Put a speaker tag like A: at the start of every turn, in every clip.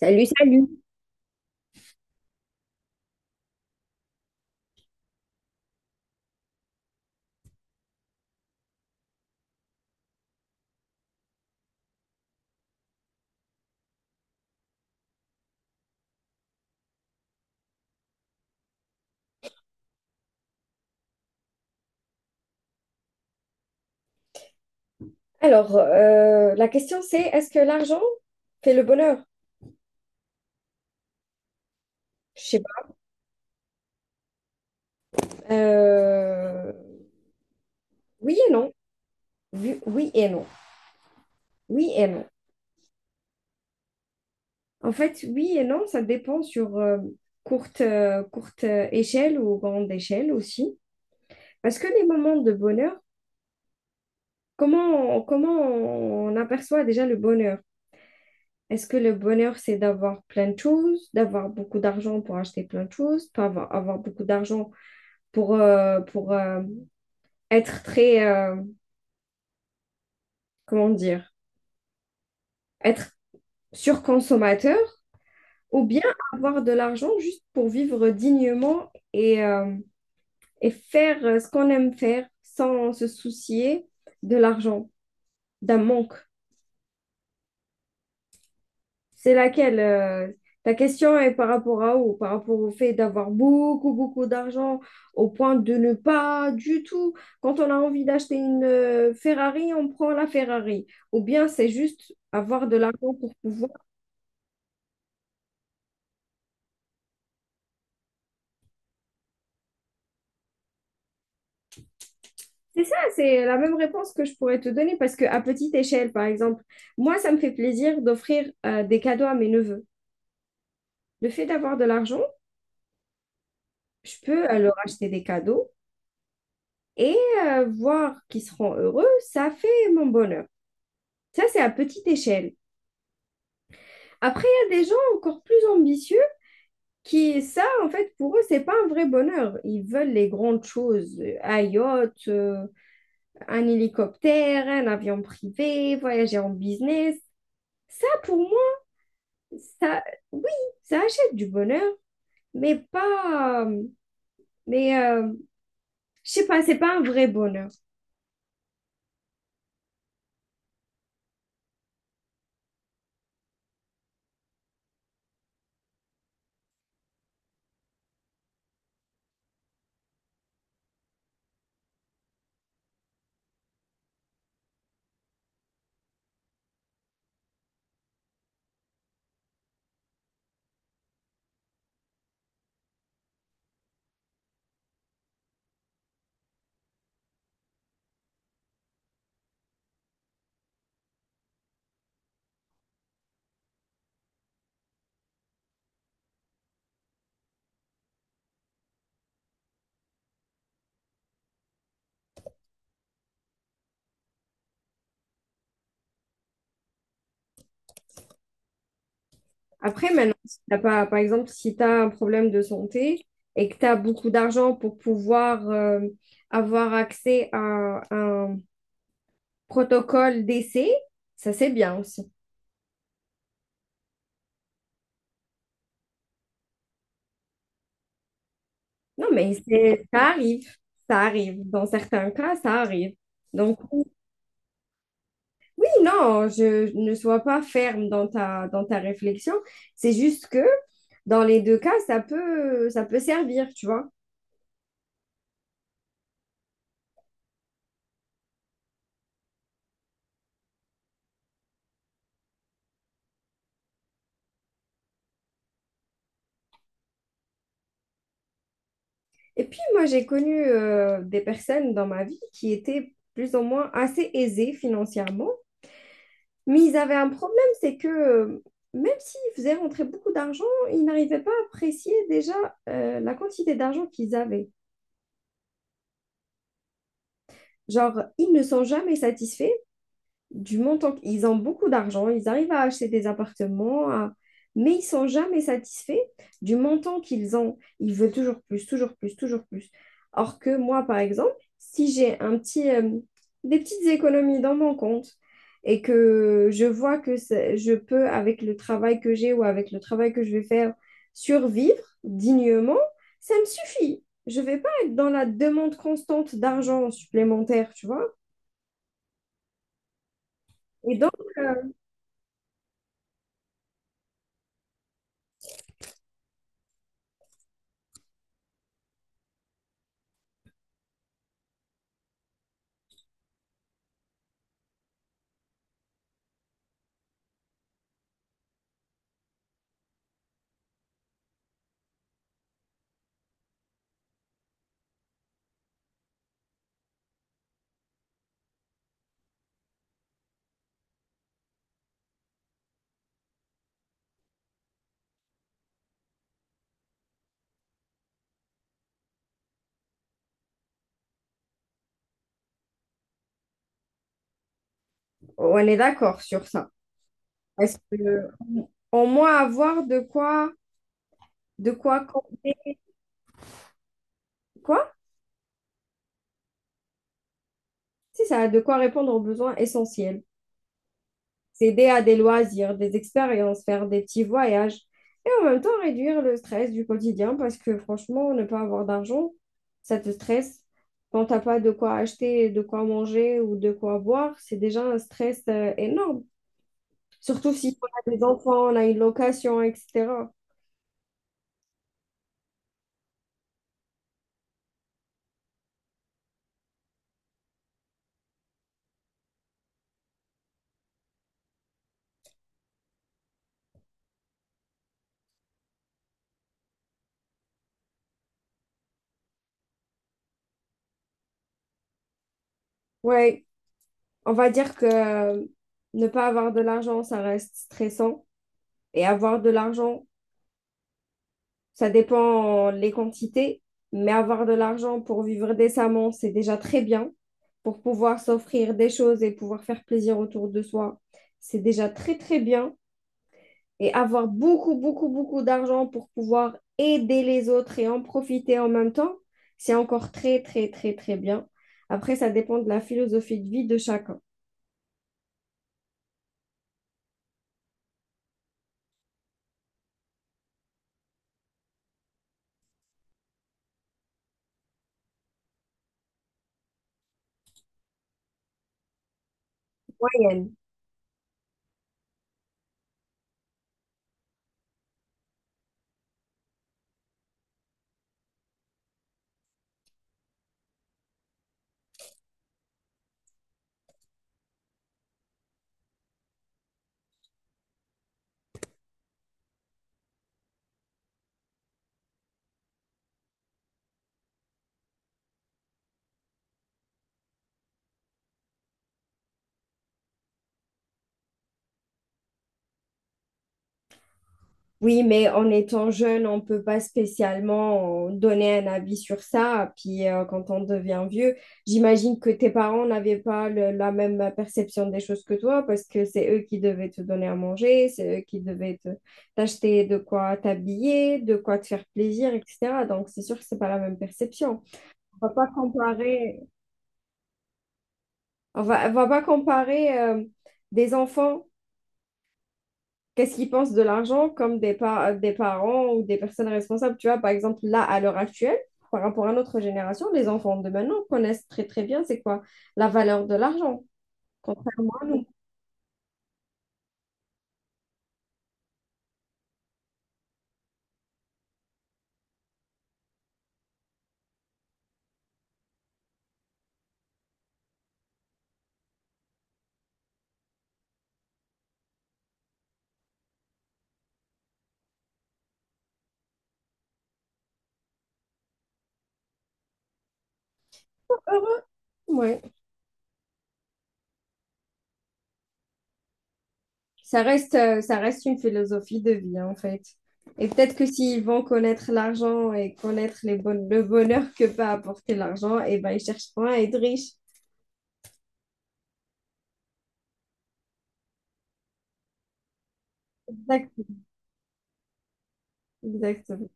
A: Salut, salut. Alors, la question c'est, est-ce que l'argent fait le bonheur? Je sais pas. Oui et non. Oui, oui et non. Oui et non. En fait, oui et non, ça dépend sur courte, courte échelle ou grande échelle aussi. Parce que les moments de bonheur, comment, comment on aperçoit déjà le bonheur? Est-ce que le bonheur, c'est d'avoir plein de choses, d'avoir beaucoup d'argent pour acheter plein de choses, pas avoir, avoir beaucoup d'argent pour, être très, comment dire, être surconsommateur ou bien avoir de l'argent juste pour vivre dignement et faire ce qu'on aime faire sans se soucier de l'argent, d'un manque. C'est laquelle ta question est par rapport à où? Par rapport au fait d'avoir beaucoup, beaucoup d'argent au point de ne pas du tout. Quand on a envie d'acheter une Ferrari, on prend la Ferrari. Ou bien c'est juste avoir de l'argent pour pouvoir. C'est ça, c'est la même réponse que je pourrais te donner parce que à petite échelle, par exemple, moi, ça me fait plaisir d'offrir des cadeaux à mes neveux. Le fait d'avoir de l'argent, je peux leur acheter des cadeaux et voir qu'ils seront heureux, ça fait mon bonheur. Ça, c'est à petite échelle. Après, il y a des gens encore plus ambitieux qui, ça, en fait, pour eux, c'est pas un vrai bonheur. Ils veulent les grandes choses, un yacht, un hélicoptère, un avion privé, voyager en business. Ça, pour. Ça, oui, ça achète du bonheur, mais pas. Mais euh, je sais pas, c'est pas un vrai bonheur. Après, maintenant, si t'as pas, par exemple, si tu as un problème de santé et que tu as beaucoup d'argent pour pouvoir avoir accès à un protocole d'essai, ça c'est bien aussi. Non, mais ça arrive, ça arrive. Dans certains cas, ça arrive. Donc, oui, non, je ne sois pas ferme dans dans ta réflexion. C'est juste que dans les deux cas, ça peut servir, tu vois. Et puis, moi, j'ai connu des personnes dans ma vie qui étaient plus ou moins assez aisées financièrement, mais ils avaient un problème, c'est que même s'ils faisaient rentrer beaucoup d'argent, ils n'arrivaient pas à apprécier déjà la quantité d'argent qu'ils avaient. Genre, ils ne sont jamais satisfaits du montant. Ils ont beaucoup d'argent, ils arrivent à acheter des appartements, à- mais ils sont jamais satisfaits du montant qu'ils ont. Ils veulent toujours plus, toujours plus, toujours plus. Or que moi, par exemple, si j'ai des petites économies dans mon compte et que je vois que je peux, avec le travail que j'ai ou avec le travail que je vais faire, survivre dignement, ça me suffit. Je vais pas être dans la demande constante d'argent supplémentaire, tu vois. Et donc, euh, on est d'accord sur ça. Est-ce que au moins avoir de quoi, quoi? Si ça, a de quoi répondre aux besoins essentiels. S'aider à des loisirs, des expériences, faire des petits voyages et en même temps réduire le stress du quotidien parce que franchement, ne pas avoir d'argent, ça te stresse. Quand t'as pas de quoi acheter, de quoi manger ou de quoi boire, c'est déjà un stress énorme. Surtout si on a des enfants, on a une location, etc. Ouais. On va dire que ne pas avoir de l'argent, ça reste stressant. Et avoir de l'argent, ça dépend les quantités, mais avoir de l'argent pour vivre décemment, c'est déjà très bien. Pour pouvoir s'offrir des choses et pouvoir faire plaisir autour de soi, c'est déjà très, très bien. Et avoir beaucoup, beaucoup, beaucoup d'argent pour pouvoir aider les autres et en profiter en même temps, c'est encore très, très, très, très bien. Après, ça dépend de la philosophie de vie de chacun. Moyenne. Oui, mais en étant jeune, on peut pas spécialement donner un avis sur ça. Puis quand on devient vieux, j'imagine que tes parents n'avaient pas la même perception des choses que toi parce que c'est eux qui devaient te donner à manger, c'est eux qui devaient t'acheter de quoi t'habiller, de quoi te faire plaisir, etc. Donc c'est sûr que c'est pas la même perception. On va pas comparer, on va pas comparer des enfants qu'est-ce qu'ils pensent de l'argent comme des parents ou des personnes responsables. Tu vois, par exemple, là, à l'heure actuelle, par rapport à notre génération, les enfants de maintenant connaissent très, très bien c'est quoi la valeur de l'argent. Ah, nous, heureux, ouais. Ça reste une philosophie de vie, hein, en fait. Et peut-être que s'ils vont connaître l'argent et connaître le bonheur que peut apporter l'argent, et ben ils chercheront à être riches. Exact, exactement.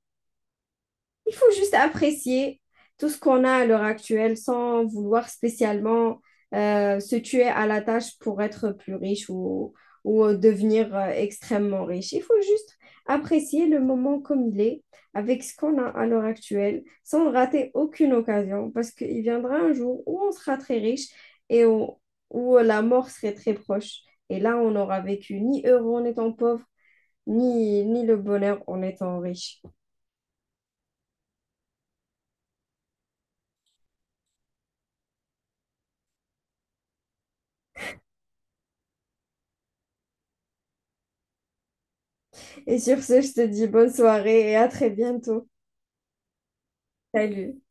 A: Il faut juste apprécier tout ce qu'on a à l'heure actuelle sans vouloir spécialement se tuer à la tâche pour être plus riche ou devenir extrêmement riche. Il faut juste apprécier le moment comme il est, avec ce qu'on a à l'heure actuelle, sans rater aucune occasion, parce qu'il viendra un jour où on sera très riche et où, où la mort serait très proche. Et là, on n'aura vécu ni heureux en étant pauvre, ni, ni le bonheur en étant riche. Et sur ce, je te dis bonne soirée et à très bientôt. Salut.